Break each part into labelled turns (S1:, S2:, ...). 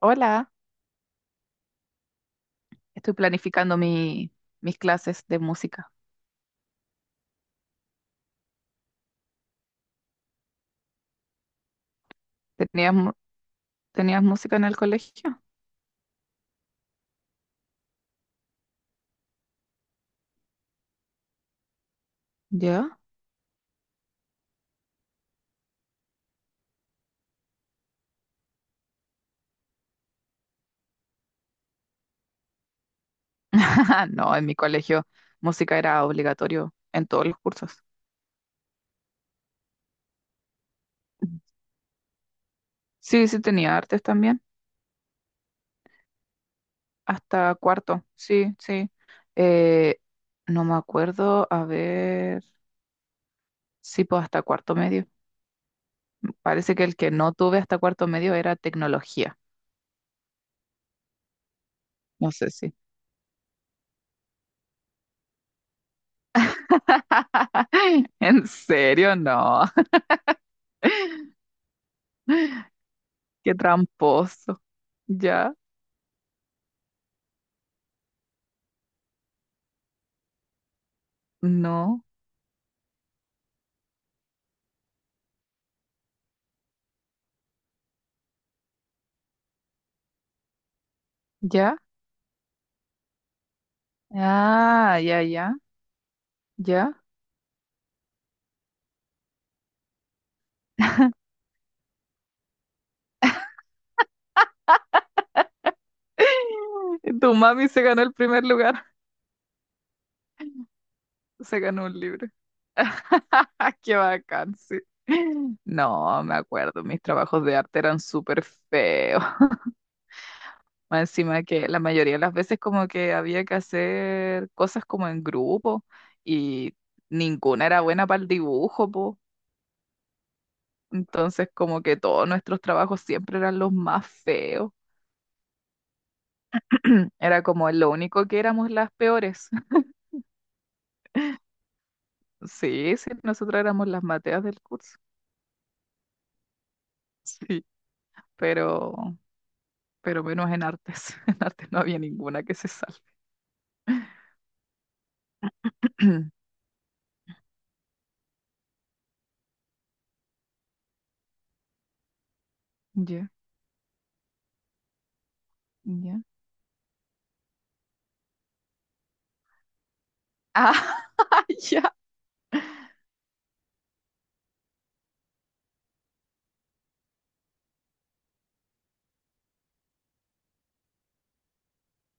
S1: Hola, estoy planificando mis clases de música. ¿Tenías, mu- ¿Tenías música en el colegio? ¿Ya? No, en mi colegio música era obligatorio en todos los cursos. Sí, sí tenía artes también, hasta cuarto, sí, sí. Eh, no me acuerdo, a ver, sí, pues hasta cuarto medio. Parece que el que no tuve hasta cuarto medio era tecnología, no sé si. ¿En serio? No, qué tramposo, ya, no. ¿Ya? Ah, ya, ya, ya. Tu mami se ganó el primer lugar. Se ganó un libro. Qué bacán, sí. No, me acuerdo, mis trabajos de arte eran súper feos. Más encima que la mayoría de las veces como que había que hacer cosas como en grupo y ninguna era buena para el dibujo, po. Entonces como que todos nuestros trabajos siempre eran los más feos. Era como lo único que éramos las peores. Sí, sí, nosotros éramos las mateas del curso. Sí, pero, pero menos en artes. En artes no había ninguna que se salve. Ya, ya. Ah, ya,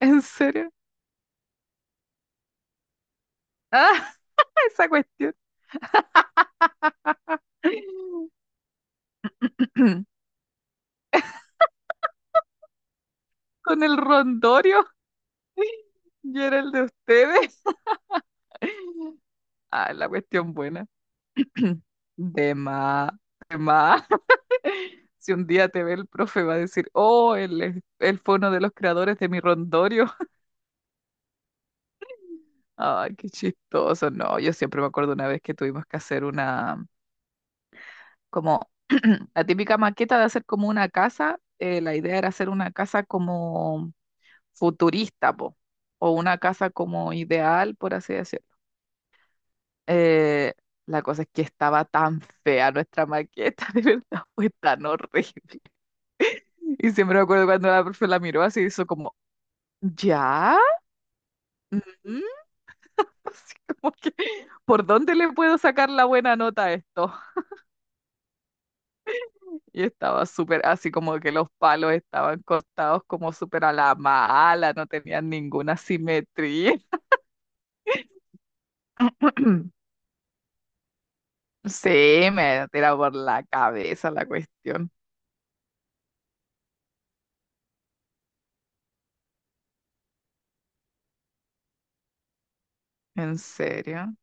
S1: ¿en serio? Ah, esa cuestión. Con el rondorio. Y era el de ustedes. Ah, la cuestión buena. De más, de más. Si un día te ve el profe, va a decir, oh, él fue uno de los creadores de mi rondorio. Ay, qué chistoso. No, yo siempre me acuerdo una vez que tuvimos que hacer como la típica maqueta de hacer como una casa. La idea era hacer una casa como futurista, po, o una casa como ideal, por así decirlo. Eh, la cosa es que estaba tan fea nuestra maqueta, de verdad, fue tan horrible. Y siempre me acuerdo cuando la profe la miró así, hizo como, ¿ya? ¿Mm? Así como que, ¿por dónde le puedo sacar la buena nota a esto? Y estaba súper, así como que los palos estaban cortados como súper a la mala, no tenían ninguna simetría. Sí, me tira por la cabeza la cuestión. ¿En serio?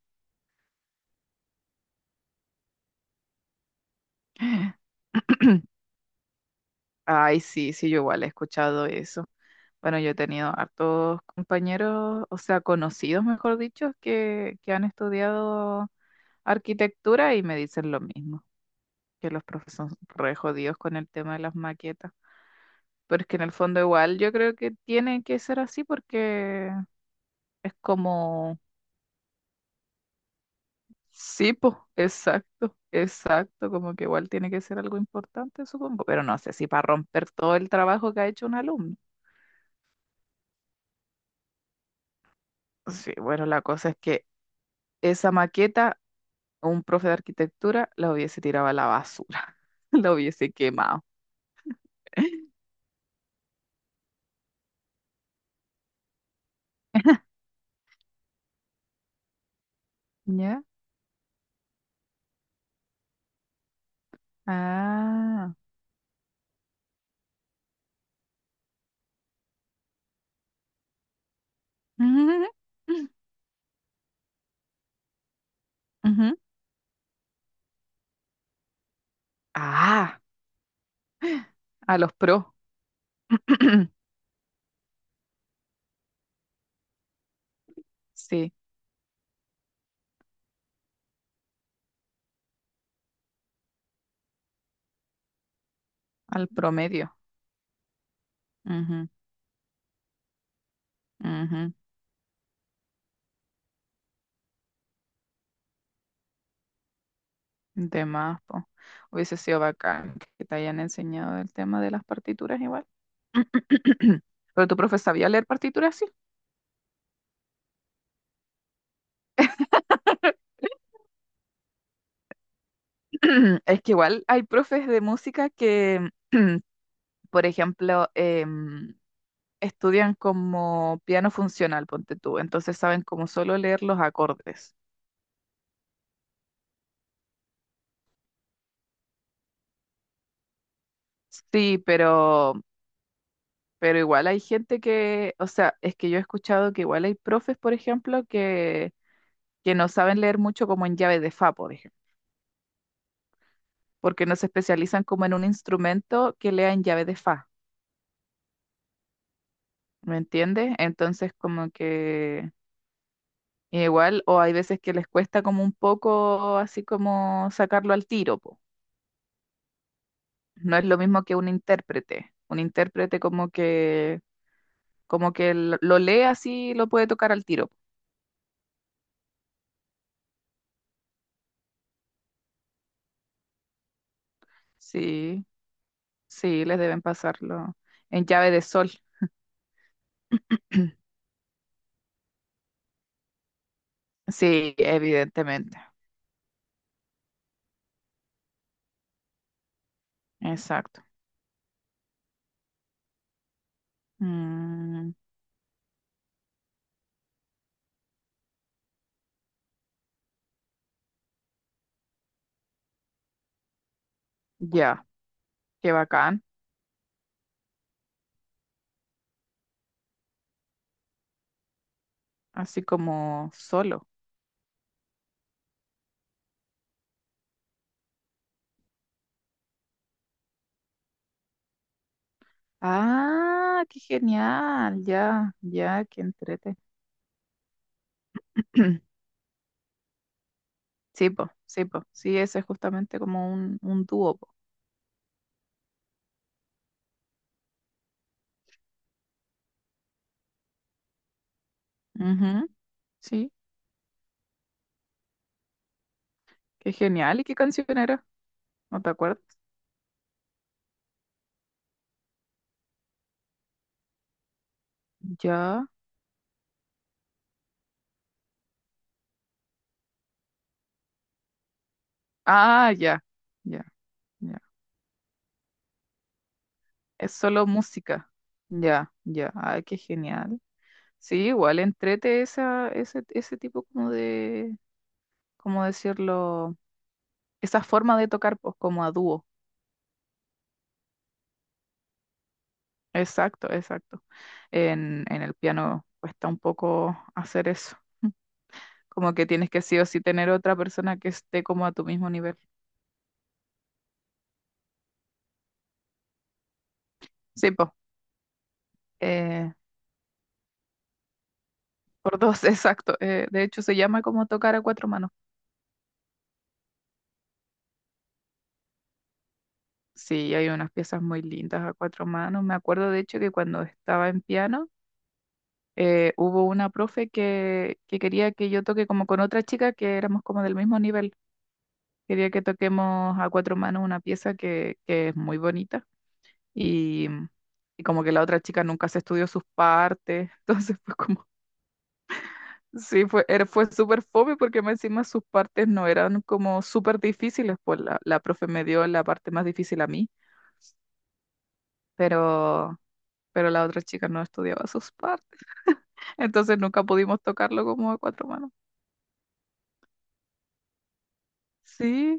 S1: Ay, sí, sí, yo igual he escuchado eso. Bueno, yo he tenido hartos compañeros, o sea, conocidos, mejor dicho, que han estudiado arquitectura y me dicen lo mismo, que los profesores son re jodidos con el tema de las maquetas. Pero es que en el fondo igual yo creo que tiene que ser así porque es como, sí, po, exacto, exacto, como que igual tiene que ser algo importante, supongo, pero no sé si para romper todo el trabajo que ha hecho un alumno. Sí, bueno, la cosa es que esa maqueta, un profe de arquitectura la hubiese tirado a la basura, la hubiese quemado. ¿Ya? Ah. Ujú. Ah, a los pro. Sí, al promedio. Ujú, ujú. De más, po. Hubiese sido bacán que te hayan enseñado el tema de las partituras igual. Pero tu profe sabía leer partituras, sí. Es que igual hay profes de música que, por ejemplo, estudian como piano funcional, ponte tú. Entonces saben como solo leer los acordes. Sí, pero igual hay gente que, o sea, es que yo he escuchado que igual hay profes, por ejemplo, que no saben leer mucho como en llave de fa, por ejemplo, porque no se especializan como en un instrumento que lea en llave de fa, ¿me entiendes? Entonces como que igual, o hay veces que les cuesta como un poco así como sacarlo al tiro, po. No es lo mismo que un intérprete como que lo lee así y lo puede tocar al tiro. Sí, sí, les deben pasarlo en llave de sol. Sí, evidentemente. Exacto. Mm, ya. Qué bacán, así como solo. Ah, qué genial, ya, ya, qué entrete. Sí, po, sí, po, sí, ese es justamente como un dúo, po. Ujú, sí, qué genial, ¿y qué canción era? ¿No te acuerdas? Ya, ah, ya, ya, ya. Es solo música, ya, ya, ay, qué genial. Sí, igual entrete esa, ese tipo como de, ¿cómo decirlo? Esa forma de tocar, pues, como a dúo. Exacto, exacto. En el piano cuesta un poco hacer eso. Como que tienes que sí o sí tener otra persona que esté como a tu mismo nivel. Sí, po. eh, por dos, exacto. De hecho, se llama como tocar a cuatro manos. Sí, hay unas piezas muy lindas a cuatro manos. Me acuerdo, de hecho, que cuando estaba en piano, hubo una profe que quería que yo toque como con otra chica que éramos como del mismo nivel. Quería que toquemos a cuatro manos una pieza que es muy bonita y, y como que la otra chica nunca se estudió sus partes, entonces fue como, sí, fue súper fome porque más encima sus partes no eran como súper difíciles, pues la profe me dio la parte más difícil a mí, pero, pero la otra chica no estudiaba sus partes, entonces nunca pudimos tocarlo como a cuatro manos. Sí,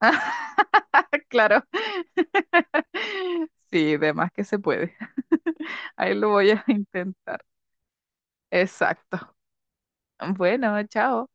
S1: claro. Sí, de más que se puede. Ahí lo voy a intentar. Exacto. Bueno, chao.